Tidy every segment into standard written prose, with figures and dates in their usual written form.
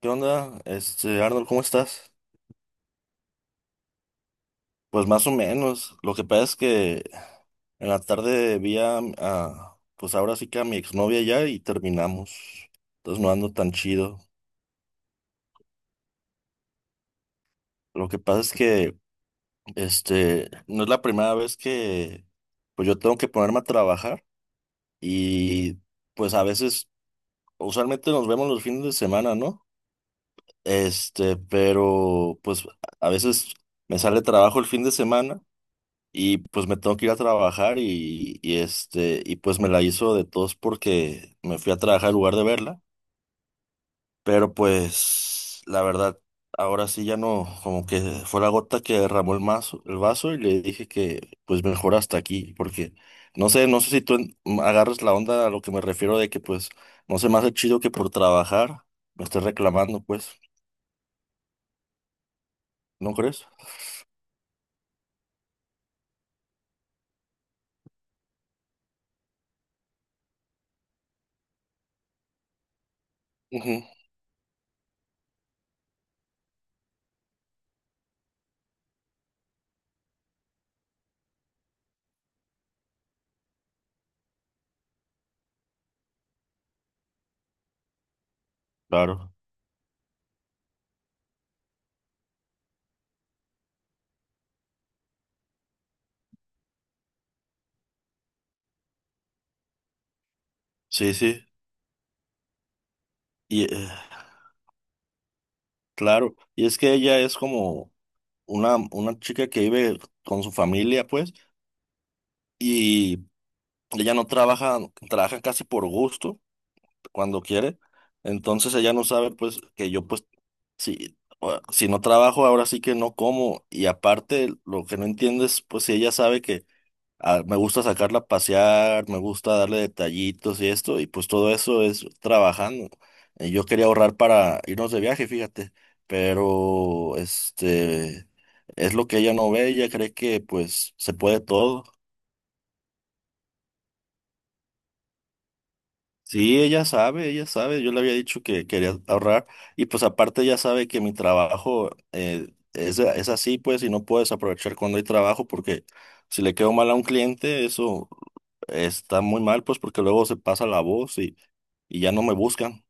¿Qué onda? Arnold, ¿cómo estás? Pues más o menos. Lo que pasa es que en la tarde vi pues ahora sí que a mi exnovia ya y terminamos. Entonces no ando tan chido. Lo que pasa es que, no es la primera vez que, pues yo tengo que ponerme a trabajar y pues a veces, usualmente nos vemos los fines de semana, ¿no? Pero pues a veces me sale trabajo el fin de semana. Y pues me tengo que ir a trabajar y pues me la hizo de tos porque me fui a trabajar en lugar de verla. Pero pues la verdad, ahora sí ya no, como que fue la gota que derramó el vaso, y le dije que pues mejor hasta aquí, porque no sé si tú agarras la onda a lo que me refiero de que pues no se me hace chido que por trabajar me estés reclamando, pues, ¿no crees? Ujú. Claro. Sí, sí, y claro, y es que ella es como una chica que vive con su familia, pues, y ella no trabaja, trabaja casi por gusto, cuando quiere. Entonces ella no sabe, pues, que yo, pues, si no trabajo, ahora sí que no como. Y aparte, lo que no entiende es, pues, si ella sabe que me gusta sacarla a pasear, me gusta darle detallitos y esto, y pues todo eso es trabajando. Yo quería ahorrar para irnos de viaje, fíjate, pero este es lo que ella no ve, ella cree que pues se puede todo. Sí, ella sabe, yo le había dicho que quería ahorrar, y pues aparte ella sabe que mi trabajo es así, pues, y no puedes aprovechar cuando hay trabajo porque si le quedo mal a un cliente eso está muy mal, pues, porque luego se pasa la voz y ya no me buscan.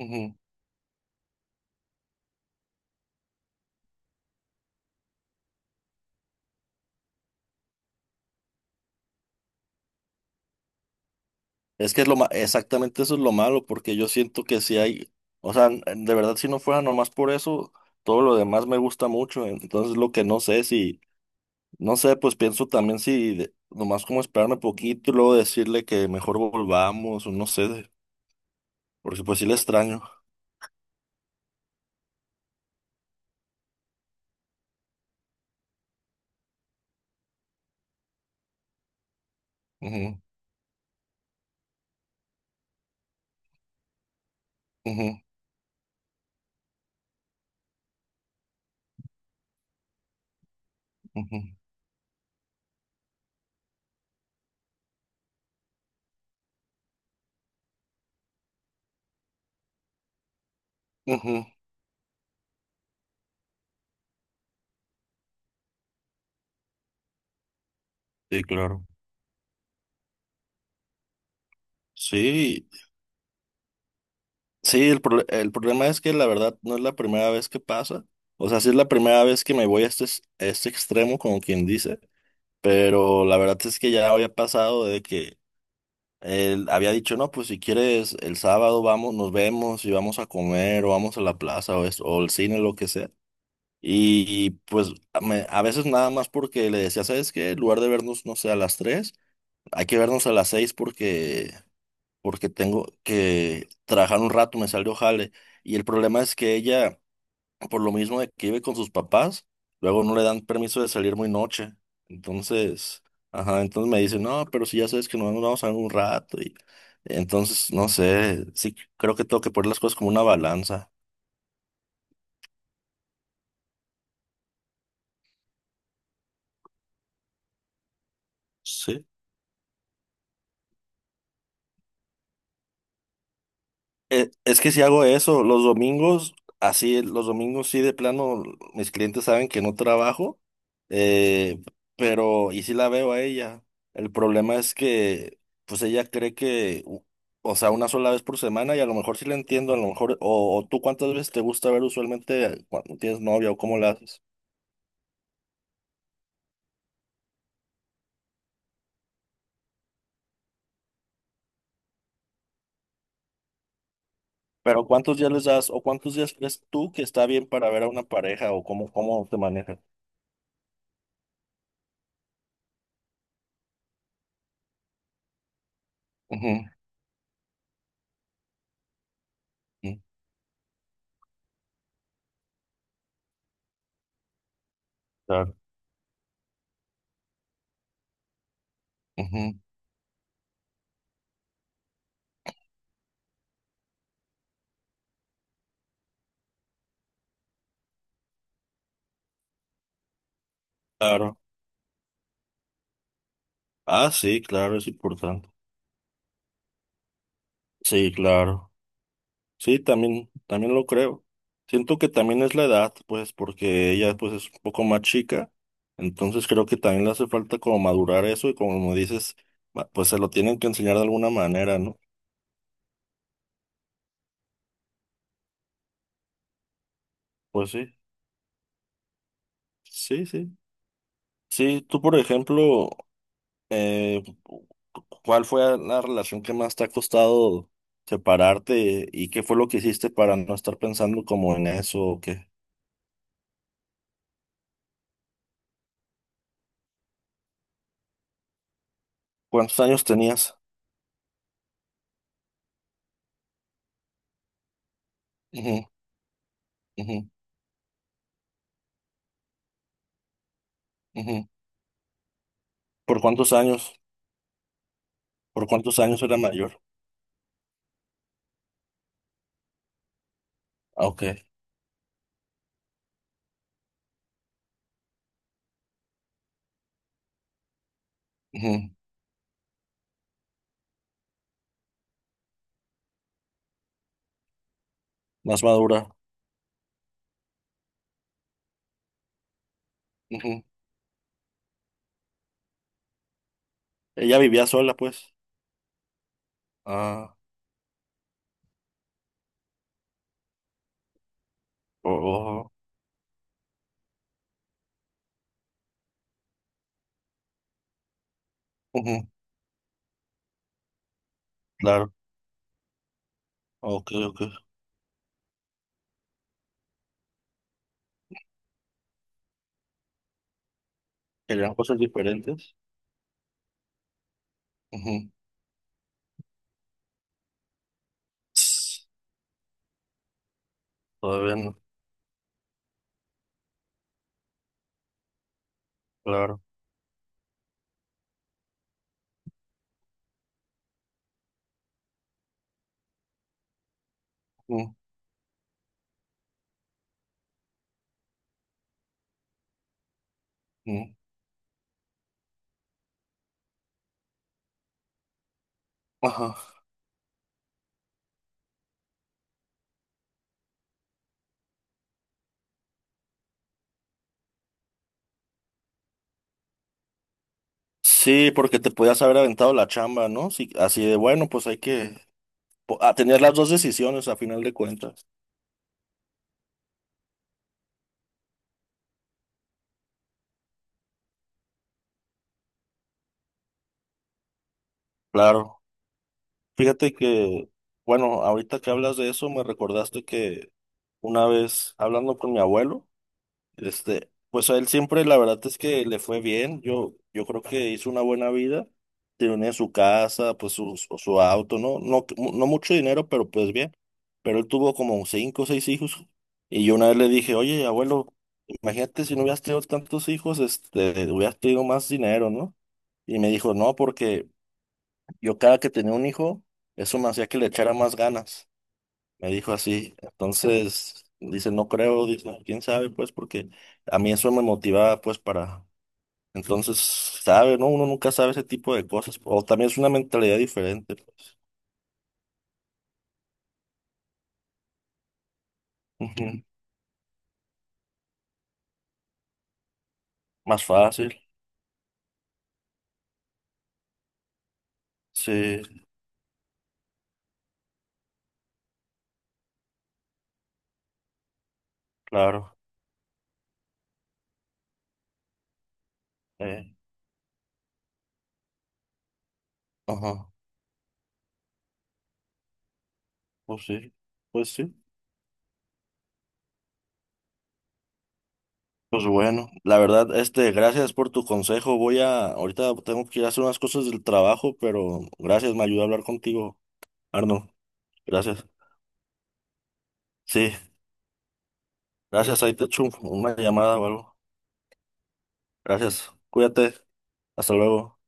Ujú. Es que exactamente eso es lo malo, porque yo siento que si hay, o sea, de verdad, si no fuera nomás por eso, todo lo demás me gusta mucho, entonces lo que no sé si... No sé, pues pienso también si nomás como esperarme poquito y luego decirle que mejor volvamos, o no sé, porque pues sí le extraño. Ujú, ujú, ujú, ujú. Sí, claro. Sí, sí, el problema es que la verdad no es la primera vez que pasa. O sea, sí es la primera vez que me voy a a este extremo, como quien dice, pero la verdad es que ya había pasado de que él había dicho, no, pues si quieres el sábado vamos, nos vemos y vamos a comer o vamos a la plaza o el cine, lo que sea. Y pues a veces nada más porque le decía, ¿sabes qué? En lugar de vernos, no sé, a las 3, hay que vernos a las 6, porque tengo que trabajar un rato, me salió jale. Y el problema es que ella, por lo mismo de que vive con sus papás, luego no le dan permiso de salir muy noche. Entonces, ajá, entonces me dice, no, pero si ya sabes que nos vamos a ver un rato. Y entonces, no sé, sí, creo que tengo que poner las cosas como una balanza. Sí. Es que si hago eso, los domingos, así, los domingos sí de plano, mis clientes saben que no trabajo, eh, y sí la veo a ella. El problema es que, pues ella cree que, o sea, una sola vez por semana, y a lo mejor sí la entiendo, a lo mejor, o tú cuántas veces te gusta ver usualmente cuando tienes novia, o cómo la haces, pero cuántos días les das, o cuántos días crees tú que está bien para ver a una pareja, o cómo te manejas. Ujú, ujú, claro, ujú, claro. Ah, sí, claro, es importante. Sí, claro. Sí, también, también lo creo. Siento que también es la edad, pues, porque ella, pues, es un poco más chica. Entonces creo que también le hace falta como madurar eso y, como dices, pues se lo tienen que enseñar de alguna manera, ¿no? Pues sí, sí, sí. Sí, tú, por ejemplo, eh, ¿cuál fue la relación que más te ha costado separarte y qué fue lo que hiciste para no estar pensando como en eso o qué? ¿Cuántos años tenías? Ujú, ujú. ¿Por cuántos años? ¿Por cuántos años era mayor? Ah, ok. Ujú. Más madura. Ujú. Ella vivía sola, pues. Ah, oh, oh, ujú. Claro. Ok, ok. Querían cosas diferentes. Ujú. Tss. Todavía no. Claro. Ujú, ujú. Ajá. Sí, porque te podías haber aventado la chamba, ¿no? Sí, así de bueno, pues hay que a tener las dos decisiones a final de cuentas. Claro. Fíjate que, bueno, ahorita que hablas de eso, me recordaste que una vez hablando con mi abuelo, pues a él siempre la verdad es que le fue bien. Yo creo que hizo una buena vida. Tiene su casa, pues su auto, ¿no? No, no mucho dinero, pero pues bien. Pero él tuvo como cinco o seis hijos. Y yo una vez le dije, oye, abuelo, imagínate si no hubieras tenido tantos hijos, hubieras tenido más dinero, ¿no? Y me dijo, no, porque yo cada que tenía un hijo, eso me hacía que le echara más ganas, me dijo así. Entonces, dice, no creo, dice, quién sabe, pues, porque a mí eso me motivaba, pues, para... Entonces, sabe, ¿no? Uno nunca sabe ese tipo de cosas. O también es una mentalidad diferente, pues. Ujú. Más fácil, sí, claro. eh, ajá, pues sí, pues sí. Pues bueno, la verdad, gracias por tu consejo. Ahorita tengo que ir a hacer unas cosas del trabajo, pero gracias, me ayudó a hablar contigo, Arno. Gracias. Sí, gracias. Ahí te echo una llamada o algo. Gracias. Cuídate. Hasta luego.